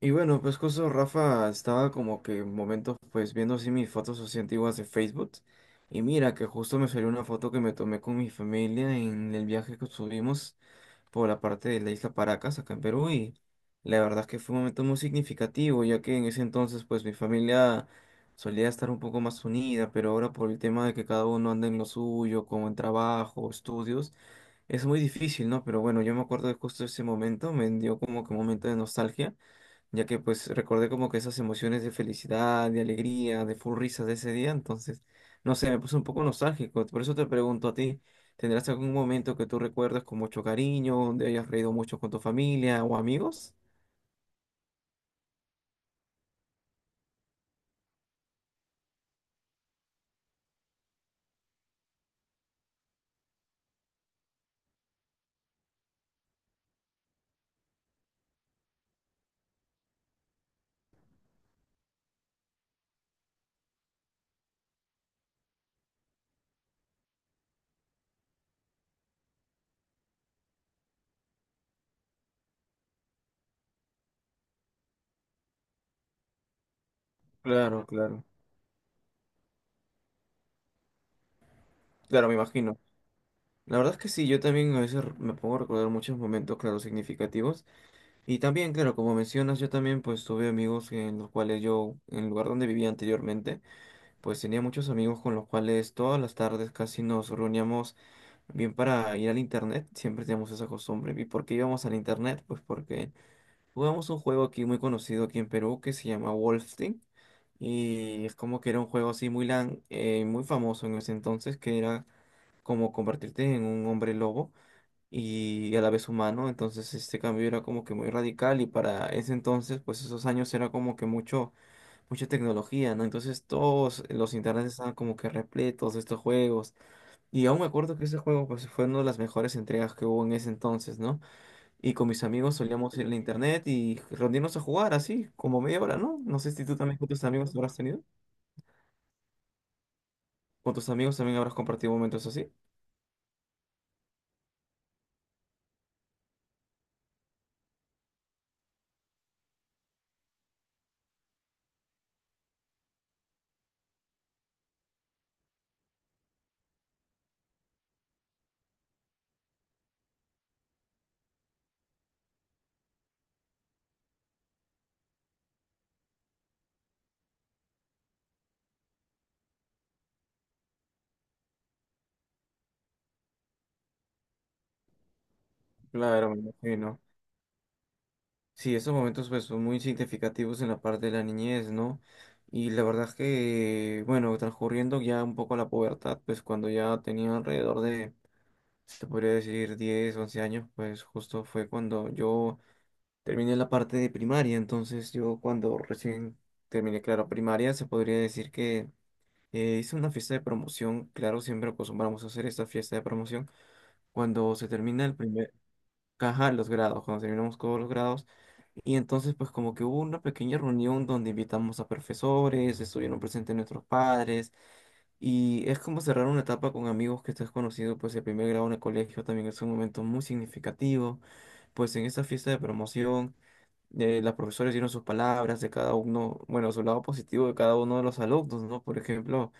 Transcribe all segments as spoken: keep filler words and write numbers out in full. Y bueno, pues justo Rafa estaba como que en momentos pues viendo así mis fotos así antiguas de Facebook. Y mira que justo me salió una foto que me tomé con mi familia en el viaje que subimos por la parte de la isla Paracas, acá en Perú. Y la verdad es que fue un momento muy significativo, ya que en ese entonces pues mi familia solía estar un poco más unida, pero ahora por el tema de que cada uno anda en lo suyo, como en trabajo, estudios, es muy difícil, ¿no? Pero bueno, yo me acuerdo de justo ese momento, me dio como que un momento de nostalgia ya que pues recordé como que esas emociones de felicidad, de alegría, de full risas de ese día, entonces, no sé, me puse un poco nostálgico, por eso te pregunto a ti, ¿tendrás algún momento que tú recuerdas con mucho cariño, donde hayas reído mucho con tu familia o amigos? Claro, claro, claro, me imagino. La verdad es que sí, yo también a veces me pongo a recordar muchos momentos, claro, significativos. Y también, claro, como mencionas, yo también pues tuve amigos en los cuales yo, en el lugar donde vivía anteriormente, pues tenía muchos amigos con los cuales todas las tardes casi nos reuníamos bien, para ir al internet, siempre tenemos esa costumbre. ¿Y por qué íbamos al internet? Pues porque jugamos un juego aquí muy conocido aquí en Perú que se llama Wolfenstein. Y es como que era un juego así muy lan, eh, muy famoso en ese entonces, que era como convertirte en un hombre lobo y a la vez humano. Entonces este cambio era como que muy radical y para ese entonces, pues esos años era como que mucho, mucha tecnología, ¿no? Entonces todos los internets estaban como que repletos de estos juegos. Y aún me acuerdo que ese juego pues, fue una de las mejores entregas que hubo en ese entonces, ¿no? Y con mis amigos solíamos ir a la internet y reunirnos a jugar así, como media hora, ¿no? No sé si tú también con tus amigos habrás tenido. Con tus amigos también habrás compartido momentos así. Claro, me imagino. Sí, esos momentos pues son muy significativos en la parte de la niñez, ¿no? Y la verdad es que, bueno, transcurriendo ya un poco la pubertad, pues cuando ya tenía alrededor de, se podría decir, diez once años, pues justo fue cuando yo terminé la parte de primaria, entonces yo cuando recién terminé, claro, primaria, se podría decir que eh, hice una fiesta de promoción, claro, siempre acostumbramos a hacer esta fiesta de promoción cuando se termina el primer caja, los grados, cuando terminamos todos los grados, y entonces pues como que hubo una pequeña reunión donde invitamos a profesores, estuvieron presentes nuestros padres, y es como cerrar una etapa con amigos que estás conocido, pues el primer grado en el colegio también es un momento muy significativo, pues en esta fiesta de promoción eh, las profesoras dieron sus palabras de cada uno, bueno, su lado positivo de cada uno de los alumnos, ¿no? Por ejemplo,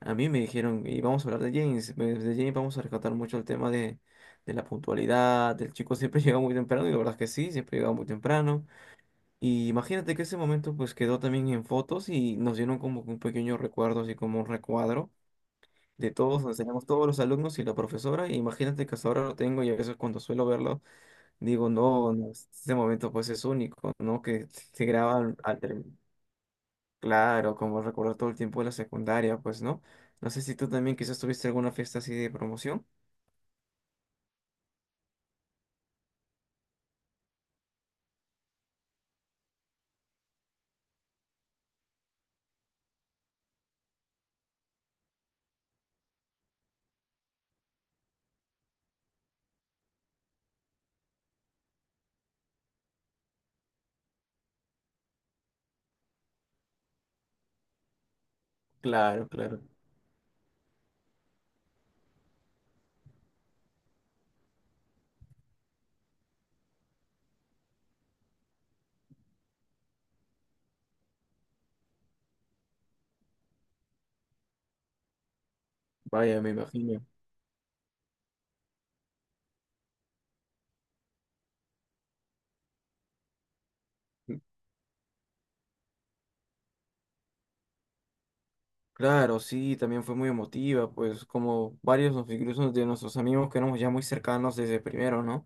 a mí me dijeron, y vamos a hablar de James, pues, de James vamos a rescatar mucho el tema de, de la puntualidad, el chico siempre llega muy temprano, y la verdad es que sí, siempre llegaba muy temprano. Y imagínate que ese momento pues quedó también en fotos y nos dieron como que un pequeño recuerdo, así como un recuadro. De todos, donde teníamos todos los alumnos y la profesora, y imagínate que hasta ahora lo tengo y a veces cuando suelo verlo digo, no, no, este momento pues es único, ¿no? Que se graba al, al term- claro, como recordar todo el tiempo de la secundaria, pues, ¿no? No sé si tú también quizás tuviste alguna fiesta así de promoción. Claro, claro. Vaya, me imagino. Claro, sí, también fue muy emotiva, pues como varios, nos- incluso de nuestros amigos que éramos ya muy cercanos desde primero, ¿no?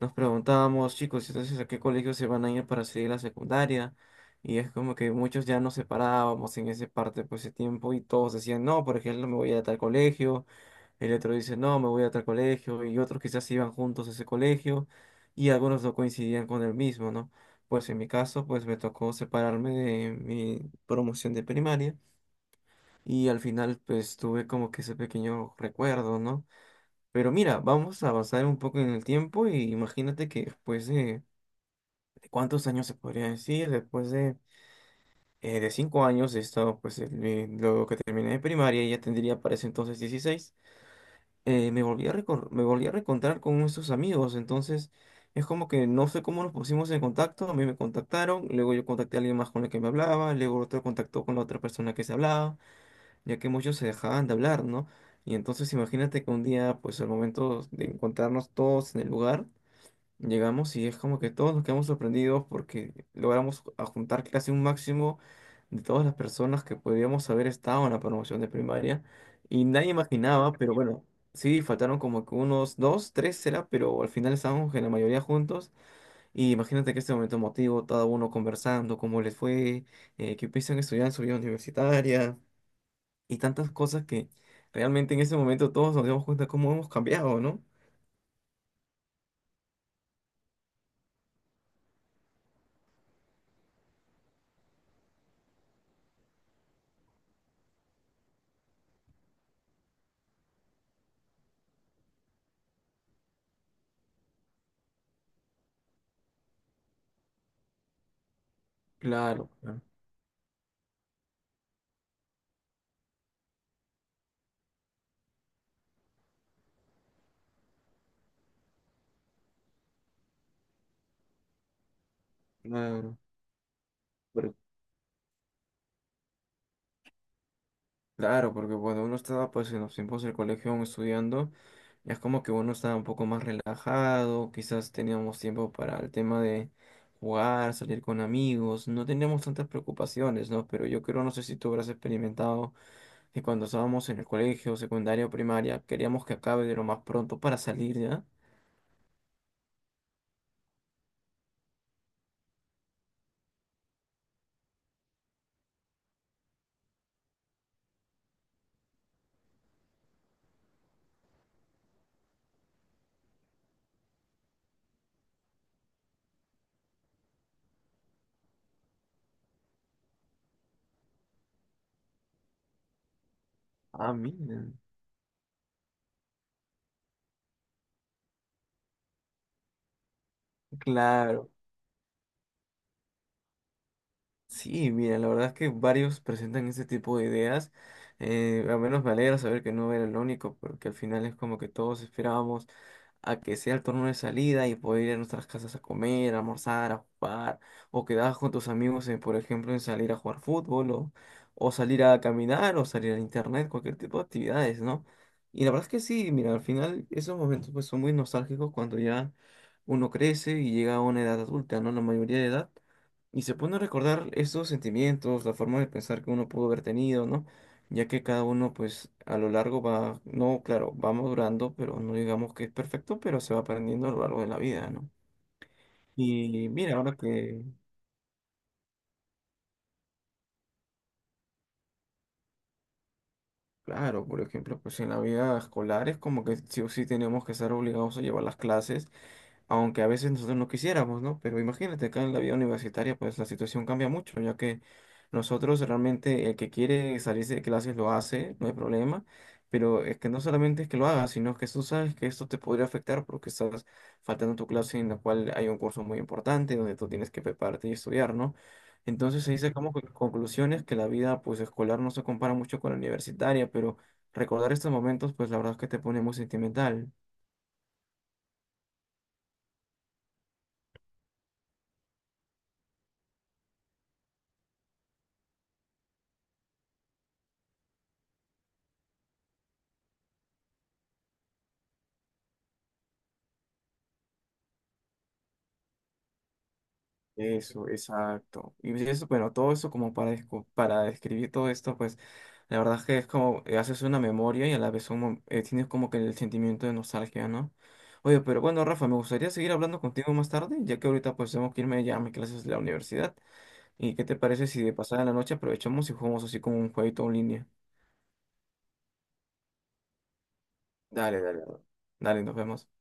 Nos preguntábamos, chicos, entonces a qué colegio se van a ir para seguir la secundaria. Y es como que muchos ya nos separábamos en ese parte, pues, ese tiempo, y todos decían, no, por ejemplo, me voy a tal colegio. El otro dice, no, me voy a tal colegio. Y otros quizás se iban juntos a ese colegio. Y algunos no coincidían con el mismo, ¿no? Pues en mi caso, pues me tocó separarme de mi promoción de primaria. Y al final, pues tuve como que ese pequeño recuerdo, ¿no? Pero mira, vamos a avanzar un poco en el tiempo y imagínate que después de ¿cuántos años se podría decir? Después de, eh, de cinco años he estado, pues, en- en- luego que terminé de primaria, ya tendría para ese entonces dieciséis, eh, me volví a recor- me volví a reencontrar con nuestros amigos, entonces es como que no sé cómo nos pusimos en contacto, a mí me contactaron, luego yo contacté a alguien más con el que me hablaba, luego otro contactó con la otra persona que se hablaba, ya que muchos se dejaban de hablar, ¿no? Y entonces imagínate que un día, pues, al momento de encontrarnos todos en el lugar, llegamos y es como que todos nos quedamos sorprendidos porque logramos a juntar casi un máximo de todas las personas que podríamos haber estado en la promoción de primaria y nadie imaginaba, pero bueno, sí, faltaron como que unos dos, tres será pero al final estábamos en la mayoría juntos y imagínate que este momento emotivo, cada uno conversando, cómo les fue, eh, qué piensan estudiar en su vida universitaria y tantas cosas que realmente en ese momento todos nos dimos cuenta cómo hemos cambiado, ¿no? Claro, claro. Claro. Claro, porque cuando uno estaba pues en los tiempos del colegio aún estudiando, es como que uno estaba un poco más relajado, quizás teníamos tiempo para el tema de jugar, salir con amigos, no teníamos tantas preocupaciones, ¿no? Pero yo creo, no sé si tú habrás experimentado que cuando estábamos en el colegio, secundaria o primaria, queríamos que acabe de lo más pronto para salir, ¿ya? Ah, mira. Claro, sí, mira, la verdad es que varios presentan ese tipo de ideas. Eh, al menos me alegra saber que no era el único, porque al final es como que todos esperábamos a que sea el turno de salida y poder ir a nuestras casas a comer, a almorzar, a jugar, o quedabas con tus amigos, en, por ejemplo, en salir a jugar fútbol, o, o salir a caminar, o salir a internet, cualquier tipo de actividades, ¿no? Y la verdad es que sí, mira, al final esos momentos pues son muy nostálgicos cuando ya uno crece y llega a una edad adulta, ¿no? La mayoría de edad. Y se pone a recordar esos sentimientos, la forma de pensar que uno pudo haber tenido, ¿no? Ya que cada uno, pues, a lo largo va, no, claro, va madurando, pero no digamos que es perfecto, pero se va aprendiendo a lo largo de la vida, ¿no? Y mira, ahora que, claro, por ejemplo, pues en la vida escolar es como que sí o sí tenemos que ser obligados a llevar las clases aunque a veces nosotros no quisiéramos, ¿no? Pero imagínate, acá en la vida universitaria, pues la situación cambia mucho, ya que nosotros realmente el que quiere salirse de clases lo hace, no hay problema, pero es que no solamente es que lo hagas, sino que tú sabes que esto te podría afectar porque estás faltando a tu clase en la cual hay un curso muy importante donde tú tienes que prepararte y estudiar, ¿no? Entonces ahí sacamos co- conclusiones que la vida pues escolar no se compara mucho con la universitaria, pero recordar estos momentos pues la verdad es que te pone muy sentimental. Eso, exacto. Y eso, bueno, todo eso como para, descu- para describir todo esto, pues la verdad es que es como eh, haces una memoria y a la vez un mom- eh, tienes como que el sentimiento de nostalgia, ¿no? Oye, pero bueno, Rafa, me gustaría seguir hablando contigo más tarde, ya que ahorita pues tengo que irme ya a mis clases de la universidad. ¿Y qué te parece si de pasada la noche aprovechamos y jugamos así como un jueguito en línea? Dale, dale. Dale. Dale, nos vemos.